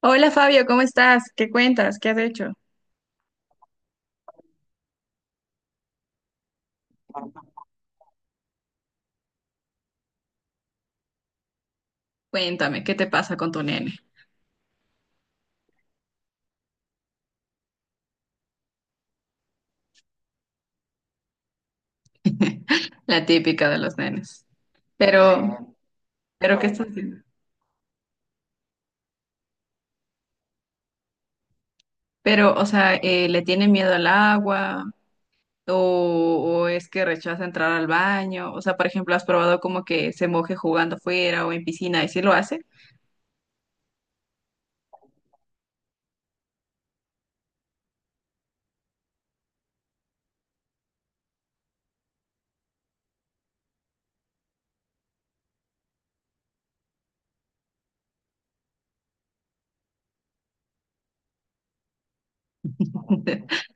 Hola Fabio, ¿cómo estás? ¿Qué cuentas? ¿Qué has hecho? Cuéntame, ¿qué te pasa con tu nene? La típica de los nenes. Pero, pero, ¿qué estás haciendo? Pero, o sea, ¿le tiene miedo al agua? ¿O es que rechaza entrar al baño? O sea, por ejemplo, ¿has probado como que se moje jugando afuera o en piscina y si lo hace?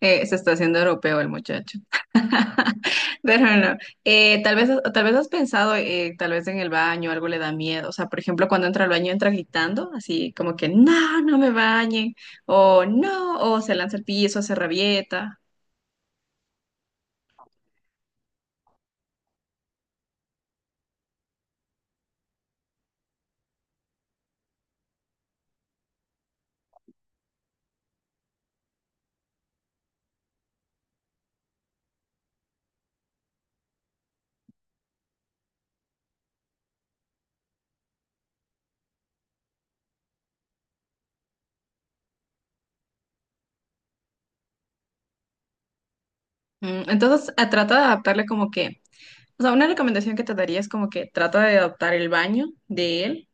Se está haciendo europeo el muchacho. Pero no. Tal vez has pensado, tal vez en el baño algo le da miedo. O sea, por ejemplo, cuando entra al baño entra gritando, así como que no, no me bañen, o no, o se lanza al piso, se rabieta. Mm, entonces, trata de adaptarle como que, o sea, una recomendación que te daría es como que trata de adaptar el baño de él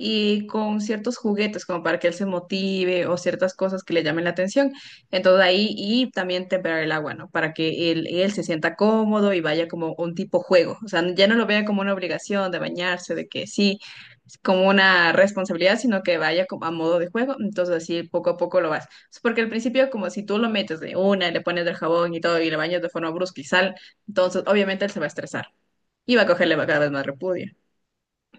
y con ciertos juguetes como para que él se motive o ciertas cosas que le llamen la atención. Entonces ahí y también temperar el agua, ¿no? Para que él se sienta cómodo y vaya como un tipo juego. O sea, ya no lo vea como una obligación de bañarse, de que sí, es como una responsabilidad, sino que vaya como a modo de juego. Entonces así poco a poco lo vas. Es porque al principio, como si tú lo metes de una, le pones del jabón y todo y le bañas de forma brusca y sal, entonces obviamente él se va a estresar y va a cogerle cada vez más repudio.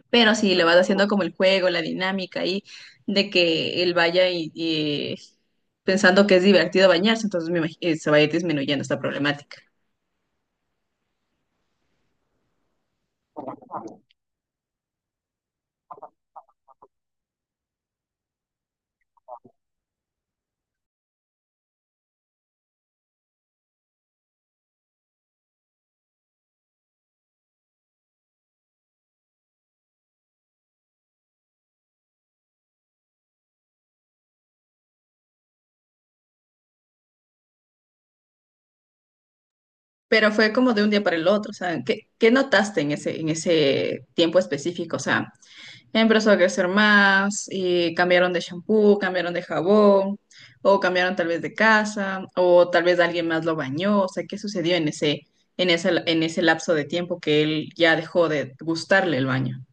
Pero si le vas haciendo como el juego, la dinámica ahí, de que él vaya y pensando que es divertido bañarse, entonces se va a ir disminuyendo esta problemática. Pero fue como de un día para el otro, o sea, ¿qué notaste en ese tiempo específico? O sea, empezó a crecer más, y cambiaron de shampoo, cambiaron de jabón, o cambiaron tal vez de casa, o tal vez alguien más lo bañó, o sea, ¿qué sucedió en ese, en ese lapso de tiempo que él ya dejó de gustarle el baño?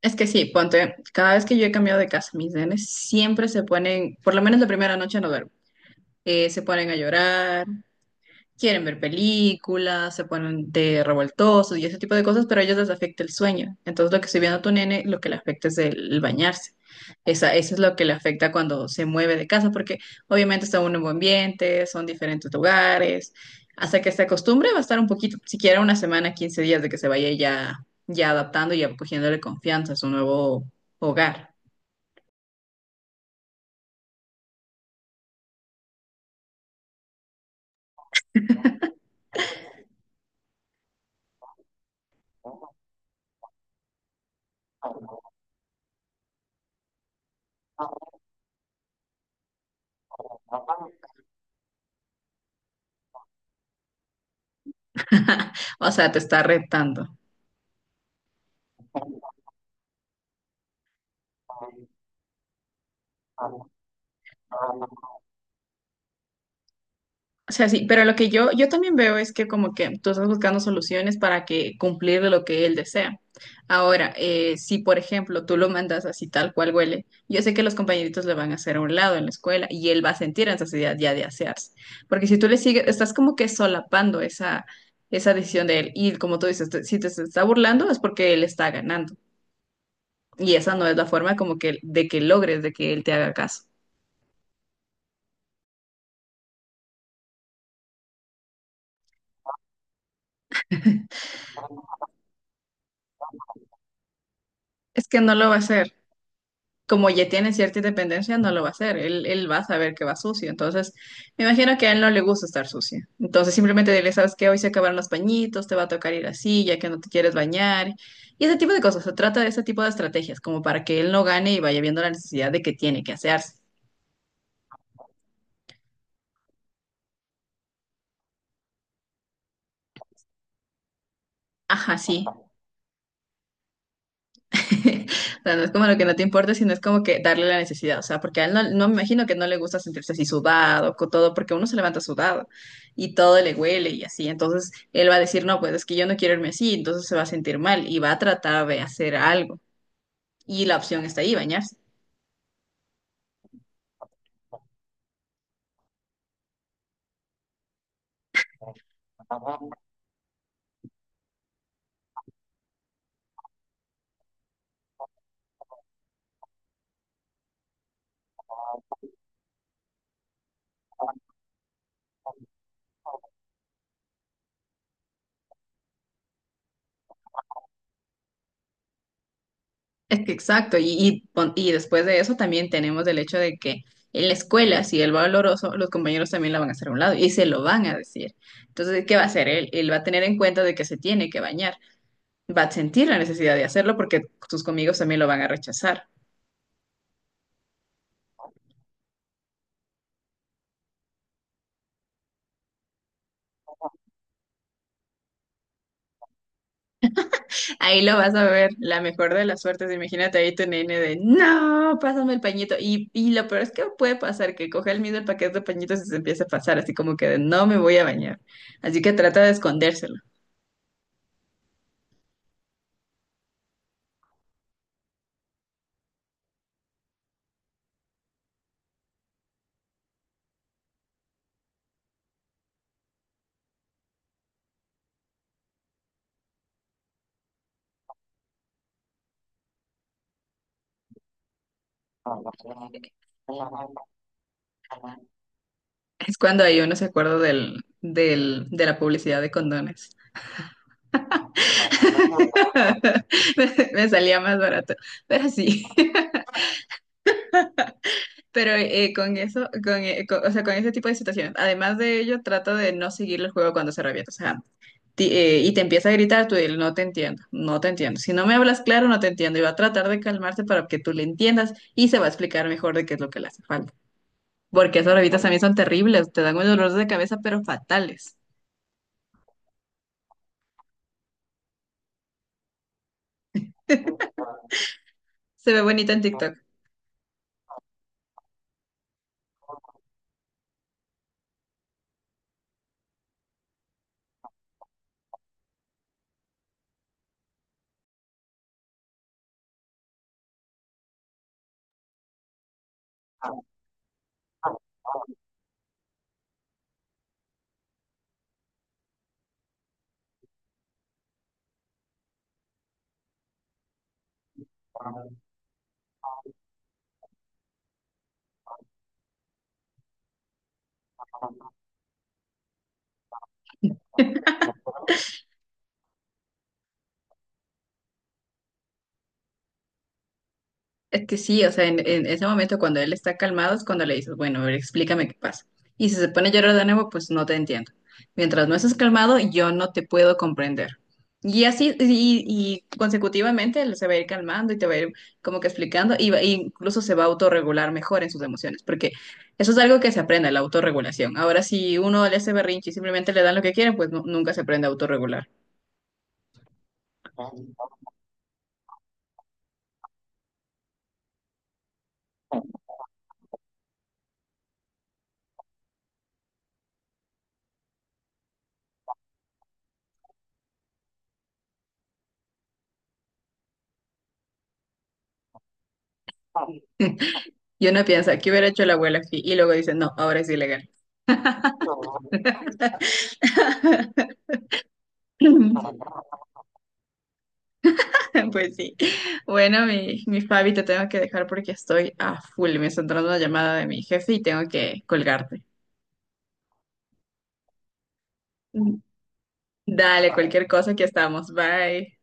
Es que sí, ponte, cada vez que yo he cambiado de casa, mis nenes siempre se ponen, por lo menos la primera noche no duermo, se ponen a llorar. Quieren ver películas, se ponen de revoltosos y ese tipo de cosas, pero a ellos les afecta el sueño. Entonces, lo que estoy viendo a tu nene, lo que le afecta es el bañarse. Esa, eso es lo que le afecta cuando se mueve de casa, porque obviamente está en un nuevo ambiente, son diferentes lugares. Hasta que se acostumbre, va a estar un poquito, siquiera una semana, 15 días de que se vaya ya, ya adaptando y ya cogiéndole confianza a su nuevo hogar. O sea, te está retando. O sea, sí, pero lo que yo también veo es que como que tú estás buscando soluciones para que cumplir lo que él desea. Ahora, si por ejemplo tú lo mandas así tal cual huele, yo sé que los compañeritos le van a hacer a un lado en la escuela y él va a sentir esa necesidad ya de asearse. Porque si tú le sigues, estás como que solapando esa, esa decisión de él. Y como tú dices, si te se está burlando es porque él está ganando. Y esa no es la forma como que de que logres de que él te haga caso. Es que no lo va a hacer. Como ya tiene cierta independencia, no lo va a hacer. Él va a saber que va sucio. Entonces, me imagino que a él no le gusta estar sucio. Entonces, simplemente dile, sabes qué, hoy se acabaron los pañitos, te va a tocar ir así, ya que no te quieres bañar. Y ese tipo de cosas. Se trata de ese tipo de estrategias, como para que él no gane y vaya viendo la necesidad de que tiene que hacerse. Ajá, sí. O sea, no es como lo que no te importa, sino es como que darle la necesidad. O sea, porque a él no me imagino que no le gusta sentirse así sudado, con todo, porque uno se levanta sudado y todo le huele y así. Entonces él va a decir, no, pues es que yo no quiero irme así, entonces se va a sentir mal y va a tratar de hacer algo. Y la opción está ahí, bañarse. Es que exacto, y después de eso también tenemos el hecho de que en la escuela, si él va oloroso, los compañeros también la van a hacer a un lado y se lo van a decir. Entonces, ¿qué va a hacer él? Él va a tener en cuenta de que se tiene que bañar, va a sentir la necesidad de hacerlo porque tus amigos también lo van a rechazar. Ahí lo vas a ver, la mejor de las suertes. Imagínate ahí tu nene de, no, pásame el pañito. Y lo peor es que puede pasar que coge el mismo el paquete de pañitos y se empiece a pasar, así como que de, no me voy a bañar. Así que trata de escondérselo. Es cuando ahí uno se acuerda de la publicidad de condones. Me salía más barato, pero sí. Pero con eso, o sea, con ese tipo de situaciones, además de ello, trata de no seguir el juego cuando se revienta. O sea, y te empieza a gritar, tú dile, no te entiendo, no te entiendo. Si no me hablas claro, no te entiendo. Y va a tratar de calmarse para que tú le entiendas y se va a explicar mejor de qué es lo que le hace falta. Porque esas revistas también son terribles, te dan unos dolores de cabeza, pero fatales. Se ve bonita en TikTok. Es que sí, o sea, en ese momento cuando él está calmado es cuando le dices, bueno, a ver, explícame qué pasa. Y si se pone a llorar de nuevo, pues no te entiendo. Mientras no estés calmado, yo no te puedo comprender. Y así, y consecutivamente él se va a ir calmando y te va a ir como que explicando, y e incluso se va a autorregular mejor en sus emociones, porque eso es algo que se aprende, la autorregulación. Ahora, si uno le hace berrinche y simplemente le dan lo que quieren, nunca se aprende a autorregular. Y uno piensa, ¿qué hubiera hecho la abuela aquí? Y luego dice, no, ahora es ilegal. Pues sí. Bueno, mi Fabi, te tengo que dejar porque estoy a full. Me está entrando una llamada de mi jefe y tengo que colgarte. Dale, cualquier cosa, que estamos. Bye.